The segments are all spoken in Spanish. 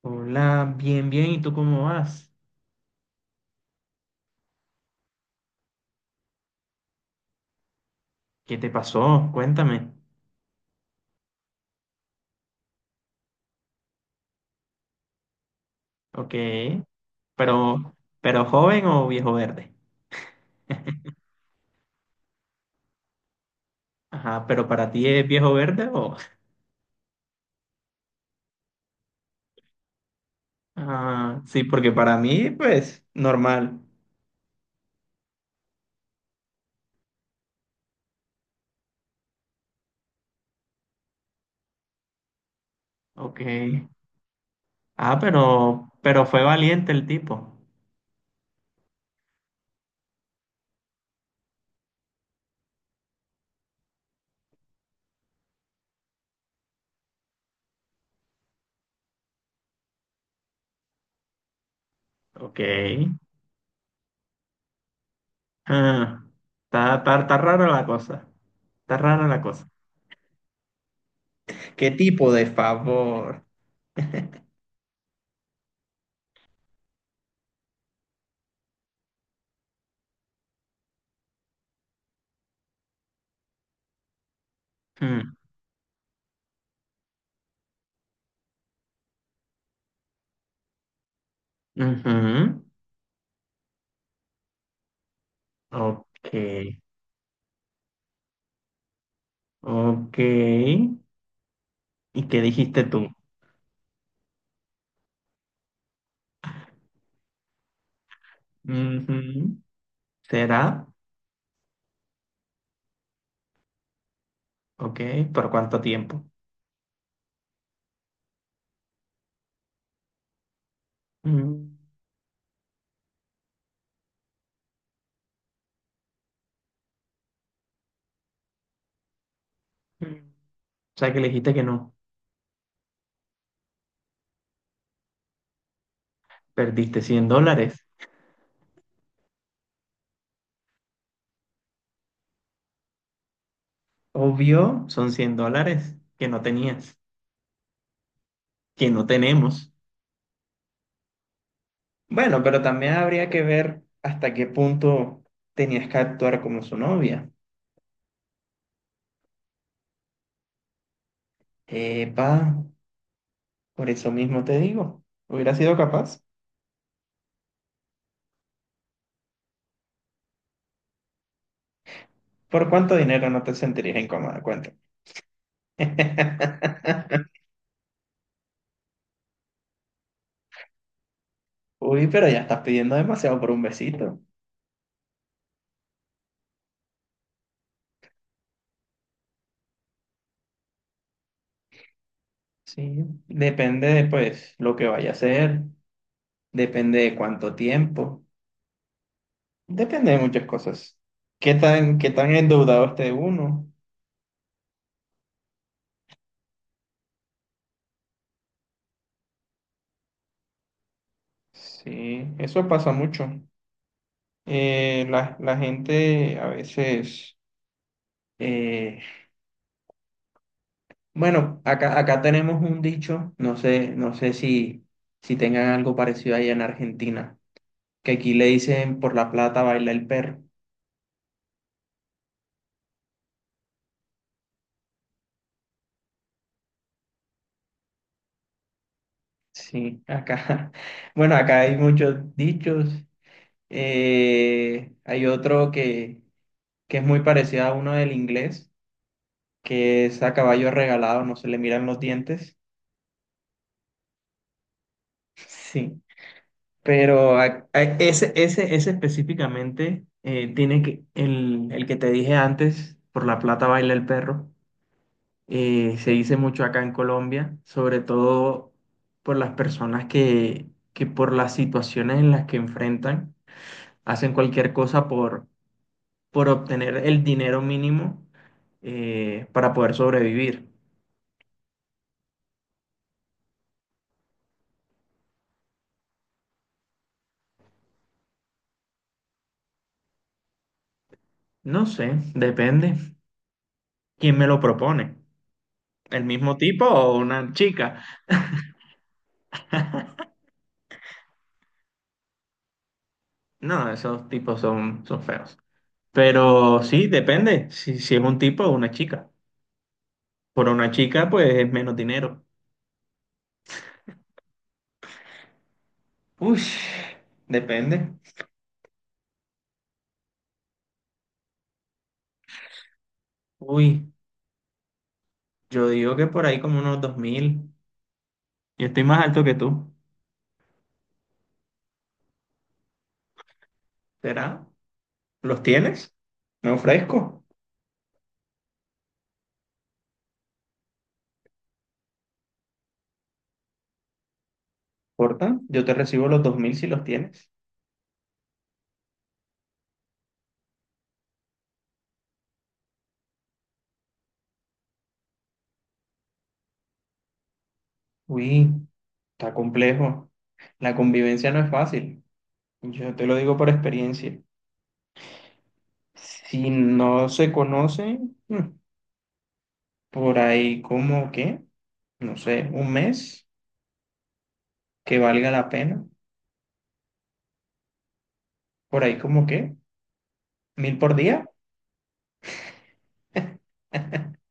Hola, bien, bien. ¿Y tú cómo vas? ¿Qué te pasó? Cuéntame. Ok. Pero, pero joven o viejo verde? Ajá, pero para ti es viejo verde o... Ah, sí, porque para mí, pues, normal. Ok. Ah, pero fue valiente el tipo. Ok. Ah, está rara la cosa. Está rara la cosa. ¿Qué tipo de favor? Hmm, ujú. Ok. Ok. ¿Y qué dijiste tú? Ujú, ¿será? Ok, ¿por cuánto tiempo? Mm, mm. O sea que le dijiste que no. Perdiste $100. Obvio, son $100 que no tenías, que no tenemos. Bueno, pero también habría que ver hasta qué punto tenías que actuar como su novia. Epa, por eso mismo te digo, hubiera sido capaz. ¿Por cuánto dinero no te sentirías incómoda? Cuéntame. Uy, pero ya estás pidiendo demasiado por un besito. Sí, depende de pues lo que vaya a hacer, depende de cuánto tiempo, depende de muchas cosas. ¿Qué tan endeudado esté uno? Sí, eso pasa mucho. La gente a veces, eh, bueno, acá tenemos un dicho, no sé si tengan algo parecido allá en Argentina, que aquí le dicen por la plata baila el perro. Sí, acá, bueno, acá hay muchos dichos. Hay otro que es muy parecido a uno del inglés, que es a caballo regalado, no se le miran los dientes. Sí. Pero ese específicamente tiene que, el que te dije antes, por la plata baila el perro, se dice mucho acá en Colombia, sobre todo por las personas que por las situaciones en las que enfrentan, hacen cualquier cosa por obtener el dinero mínimo para poder sobrevivir. No sé, depende quién me lo propone, el mismo tipo o una chica. No, esos tipos son feos. Pero sí, depende si es un tipo o una chica. Por una chica, pues es menos dinero. Uy, depende. Uy, yo digo que por ahí como unos 2000. Yo estoy más alto que tú. ¿Será? ¿Los tienes? Me ofrezco. Porta, yo te recibo los 2000 si los tienes. Uy, está complejo. La convivencia no es fácil. Yo te lo digo por experiencia. Si no se conocen, por ahí como que, no sé, un mes que valga la pena. Por ahí como que, 1000 por día.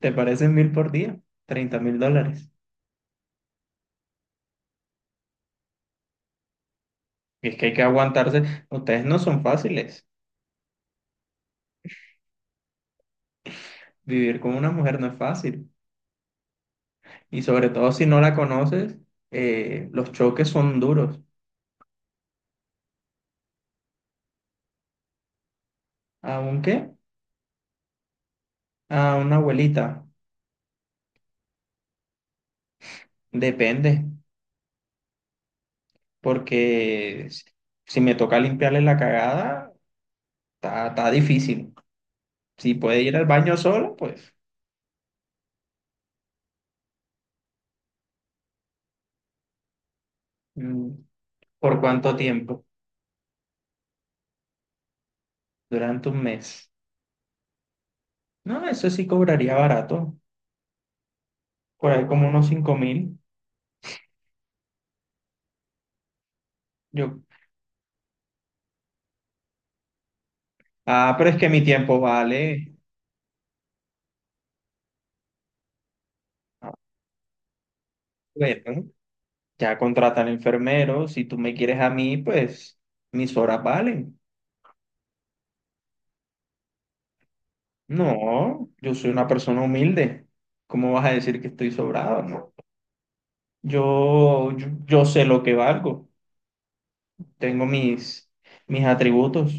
¿Te parecen 1000 por día? $30,000. Y es que hay que aguantarse. Ustedes no son fáciles. Vivir con una mujer no es fácil. Y sobre todo si no la conoces, los choques son duros. Aunque. A una abuelita. Depende, porque si me toca limpiarle la cagada, está difícil. Si puede ir al baño solo, pues mm, ¿por cuánto tiempo? Durante un mes. No, eso sí cobraría barato, por ahí como unos 5000. Yo, pero es que mi tiempo vale. A ver, ya contratan enfermeros, si tú me quieres a mí, pues mis horas valen. No, yo soy una persona humilde. ¿Cómo vas a decir que estoy sobrado? No. Yo sé lo que valgo. Tengo mis atributos.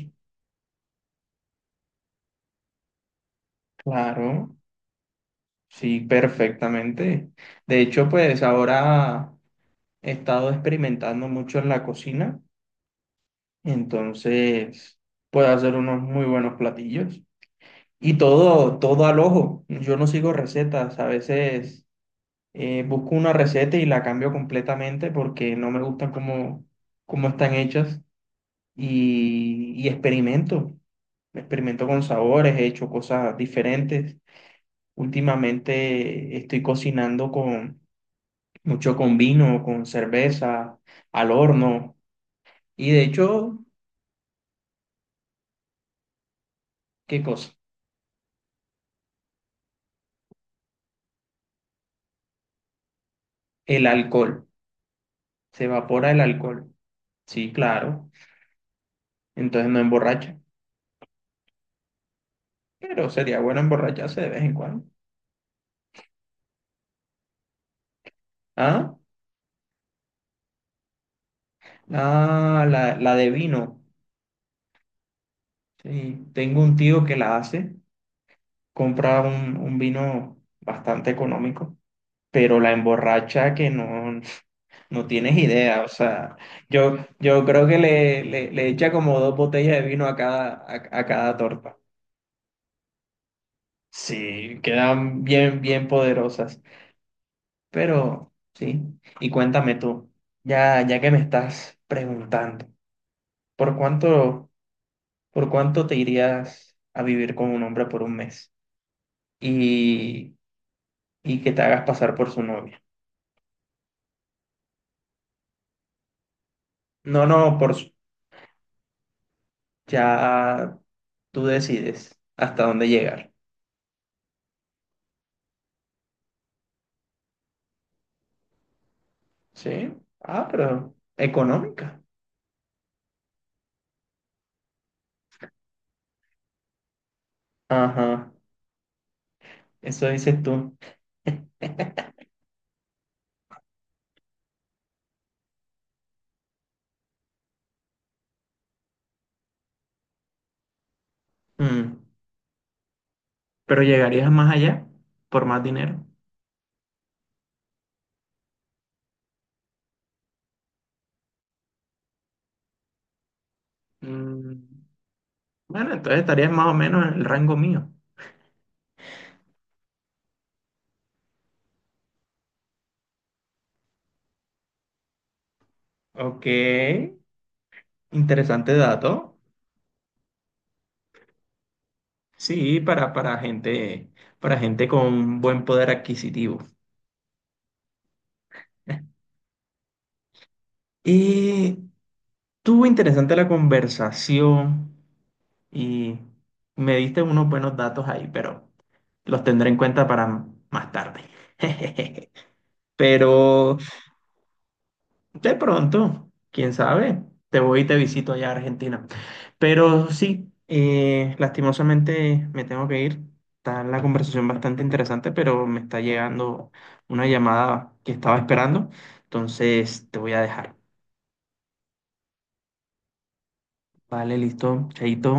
Claro, sí, perfectamente. De hecho, pues ahora he estado experimentando mucho en la cocina, entonces puedo hacer unos muy buenos platillos. Y todo, todo al ojo. Yo no sigo recetas. A veces busco una receta y la cambio completamente porque no me gustan cómo están hechas. Y experimento. Experimento con sabores, he hecho cosas diferentes. Últimamente estoy cocinando con mucho con vino, con cerveza, al horno. Y de hecho, ¿qué cosa? El alcohol. Se evapora el alcohol. Sí, claro. Entonces no emborracha. Pero sería bueno emborracharse de vez en cuando. ¿Ah? Ah, la de vino. Sí, tengo un tío que la hace. Compra un vino bastante económico, pero la emborracha que no, no tienes idea. O sea, yo creo que le echa como dos botellas de vino a cada torta. Sí, quedan bien, bien poderosas. Pero sí, y cuéntame tú, ya que me estás preguntando, ¿por cuánto? ¿Por cuánto te irías a vivir con un hombre por un mes y, y que te hagas pasar por su novia? No, no, ya tú decides hasta dónde llegar. ¿Sí? Ah, pero económica. Ajá, eso dices tú. Mm, Pero llegarías más allá por más dinero. Mm, Bueno, entonces estarías más o menos en el rango mío. Ok, interesante dato. Sí, para gente con buen poder adquisitivo. Y estuvo interesante la conversación y me diste unos buenos datos ahí, pero los tendré en cuenta para más tarde. Pero de pronto, quién sabe, te voy y te visito allá a Argentina. Pero sí, lastimosamente me tengo que ir. Está la conversación bastante interesante, pero me está llegando una llamada que estaba esperando. Entonces te voy a dejar. Vale, listo, chaito.